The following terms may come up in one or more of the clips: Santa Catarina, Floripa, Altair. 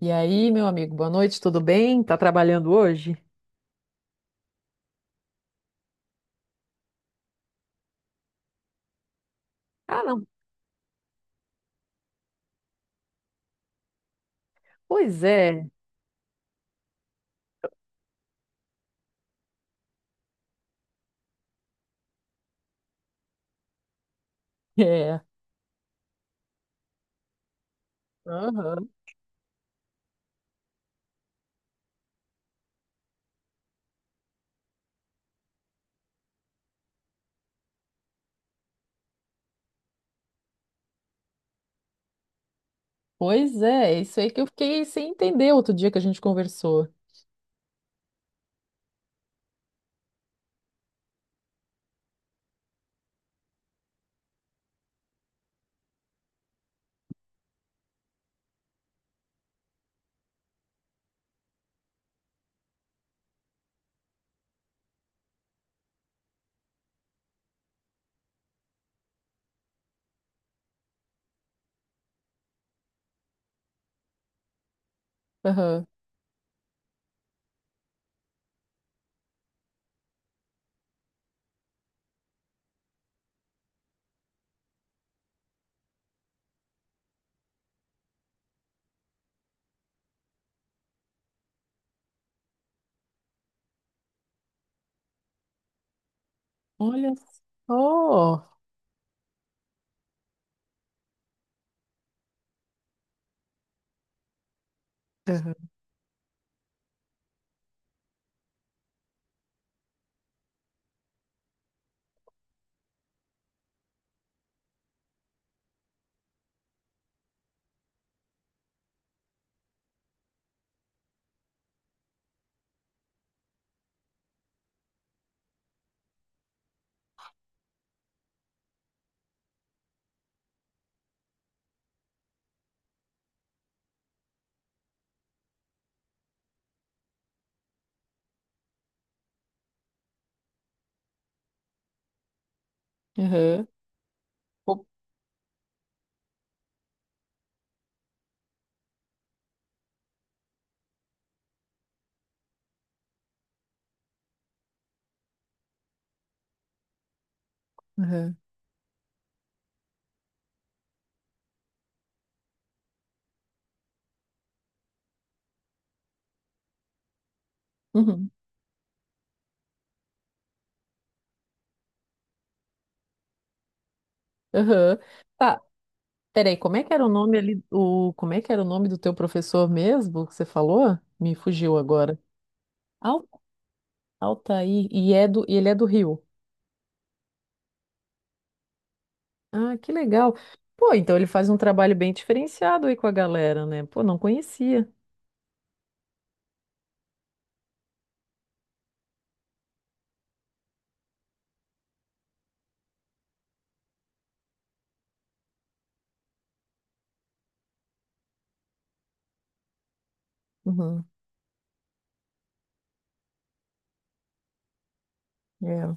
E aí, meu amigo, boa noite, tudo bem? Tá trabalhando hoje? Ah, não. Pois é. É. Aham. Pois é, isso aí que eu fiquei sem entender outro dia que a gente conversou. Aham. Olha só. Aham. Aham. Pô. Aham. Uhum. Aham. Tá, peraí, como é que era o nome ali, como é que era o nome do teu professor mesmo que você falou? Me fugiu agora. Al- Altair, e ele é do Rio. Ah, que legal. Pô, então ele faz um trabalho bem diferenciado aí com a galera, né? Pô, não conhecia. Uhum. É.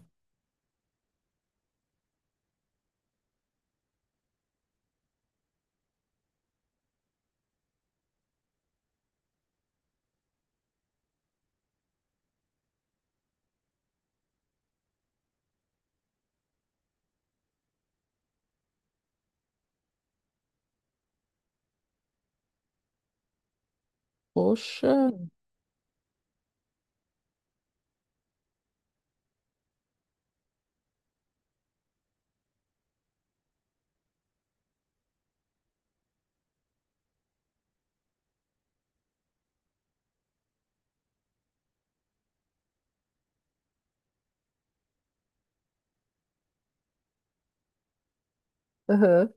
Poxa. Aham.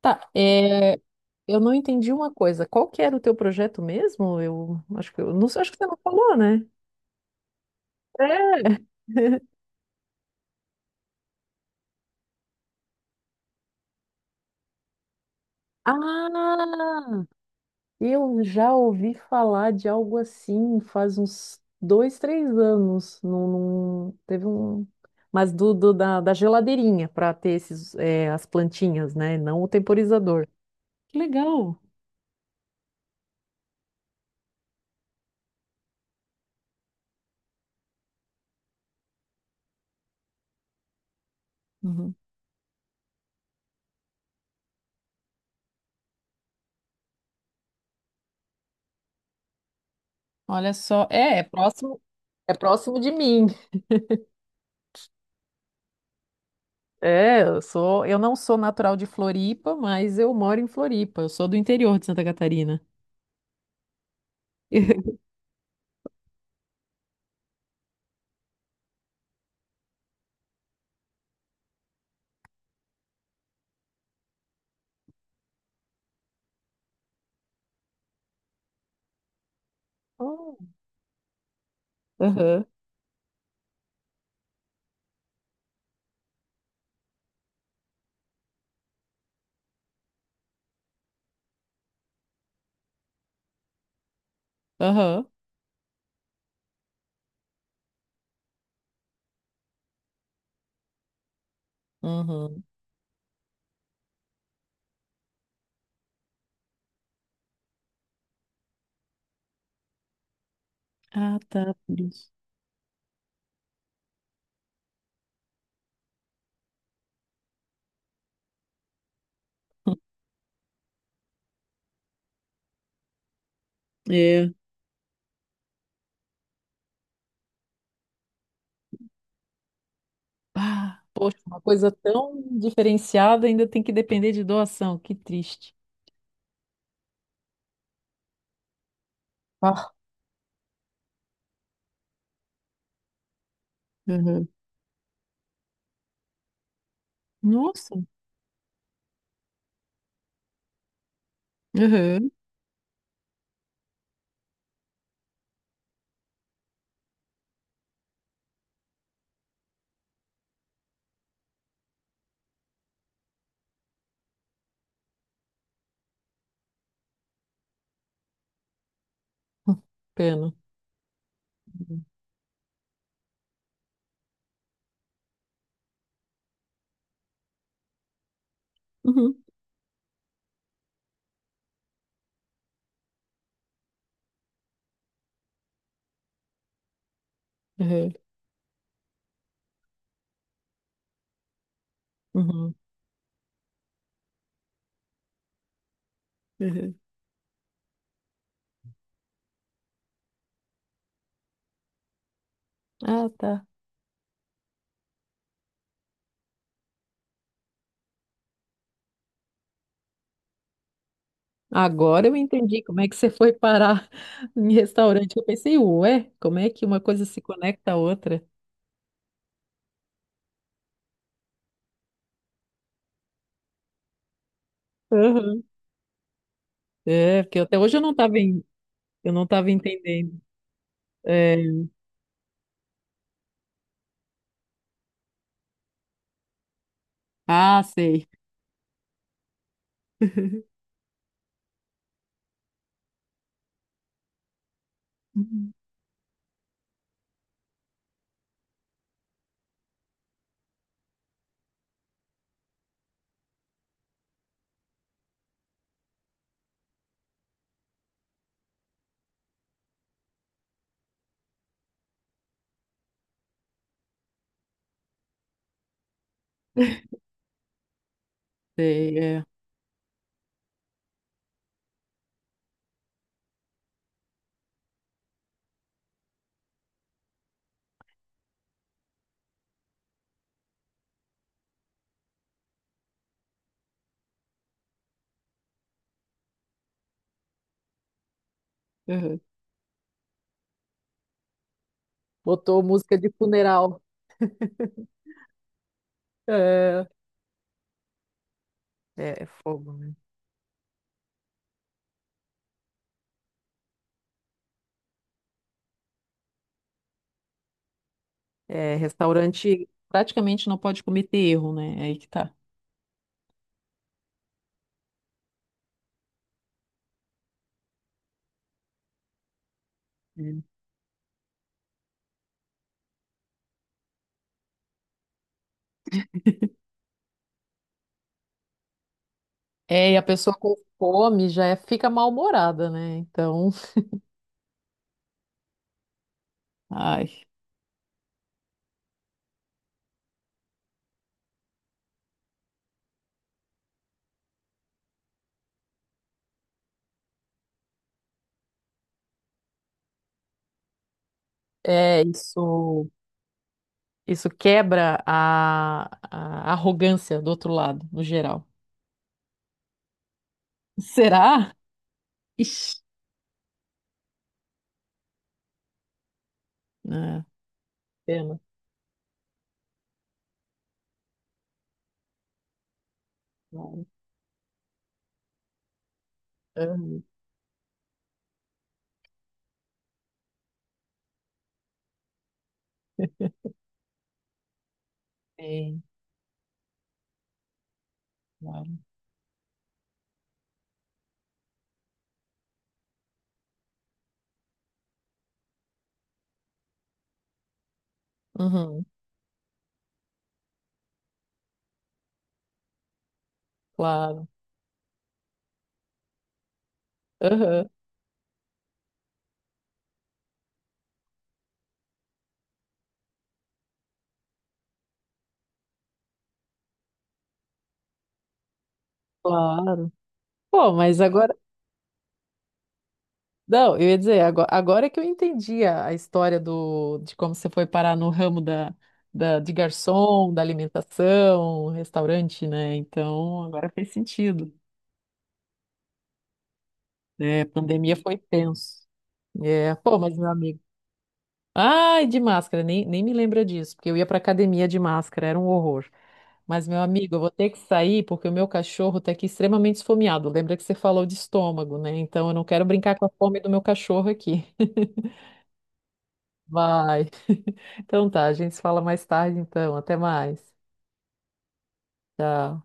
Tá, é, eu não entendi uma coisa. Qual que era o teu projeto mesmo? Eu acho que eu não sei, acho que você não falou, né? É. Ah! Eu já ouvi falar de algo assim faz uns dois, três anos. Teve um. Mas da geladeirinha para ter esses, as plantinhas, né? Não o temporizador. Que legal. Uhum. Olha só, é próximo, é próximo de mim. É, eu não sou natural de Floripa, mas eu moro em Floripa. Eu sou do interior de Santa Catarina. Oh. Aham, aham, uhum. Ah, tá, por isso. É. Ah, poxa, uma coisa tão diferenciada ainda tem que depender de doação. Que triste. Ah, uhum. Nossa. Uhum. Pena. Uhum. Uhum. Uhum. Uhum. Ah, tá. Agora eu entendi como é que você foi parar em restaurante. Eu pensei, ué, como é que uma coisa se conecta à outra? Aham. É, porque até hoje eu não estava eu não estava entendendo. É, ah, sei. Uhum. Sei, é. Aham. Botou música de funeral. É, é fogo, né? É, restaurante praticamente não pode cometer erro, né? É aí que tá. É, e a pessoa com fome já fica mal-humorada, né? Então, ai, é isso. Isso quebra a arrogância do outro lado, no geral. Será? Ixi, né? Pena. Claro. Aham. Sim, claro. Uhum, claro. Aham, claro. Pô, mas agora. Não, eu ia dizer, agora, que eu entendi a história de como você foi parar no ramo de garçom, da alimentação, restaurante, né? Então, agora fez sentido. É, pandemia foi tenso. É, pô, mas meu amigo. Ai, de máscara, nem me lembra disso, porque eu ia pra academia de máscara, era um horror. Mas, meu amigo, eu vou ter que sair porque o meu cachorro tá aqui extremamente esfomeado. Lembra que você falou de estômago, né? Então, eu não quero brincar com a fome do meu cachorro aqui. Vai. Então tá, a gente se fala mais tarde então. Até mais. Tchau.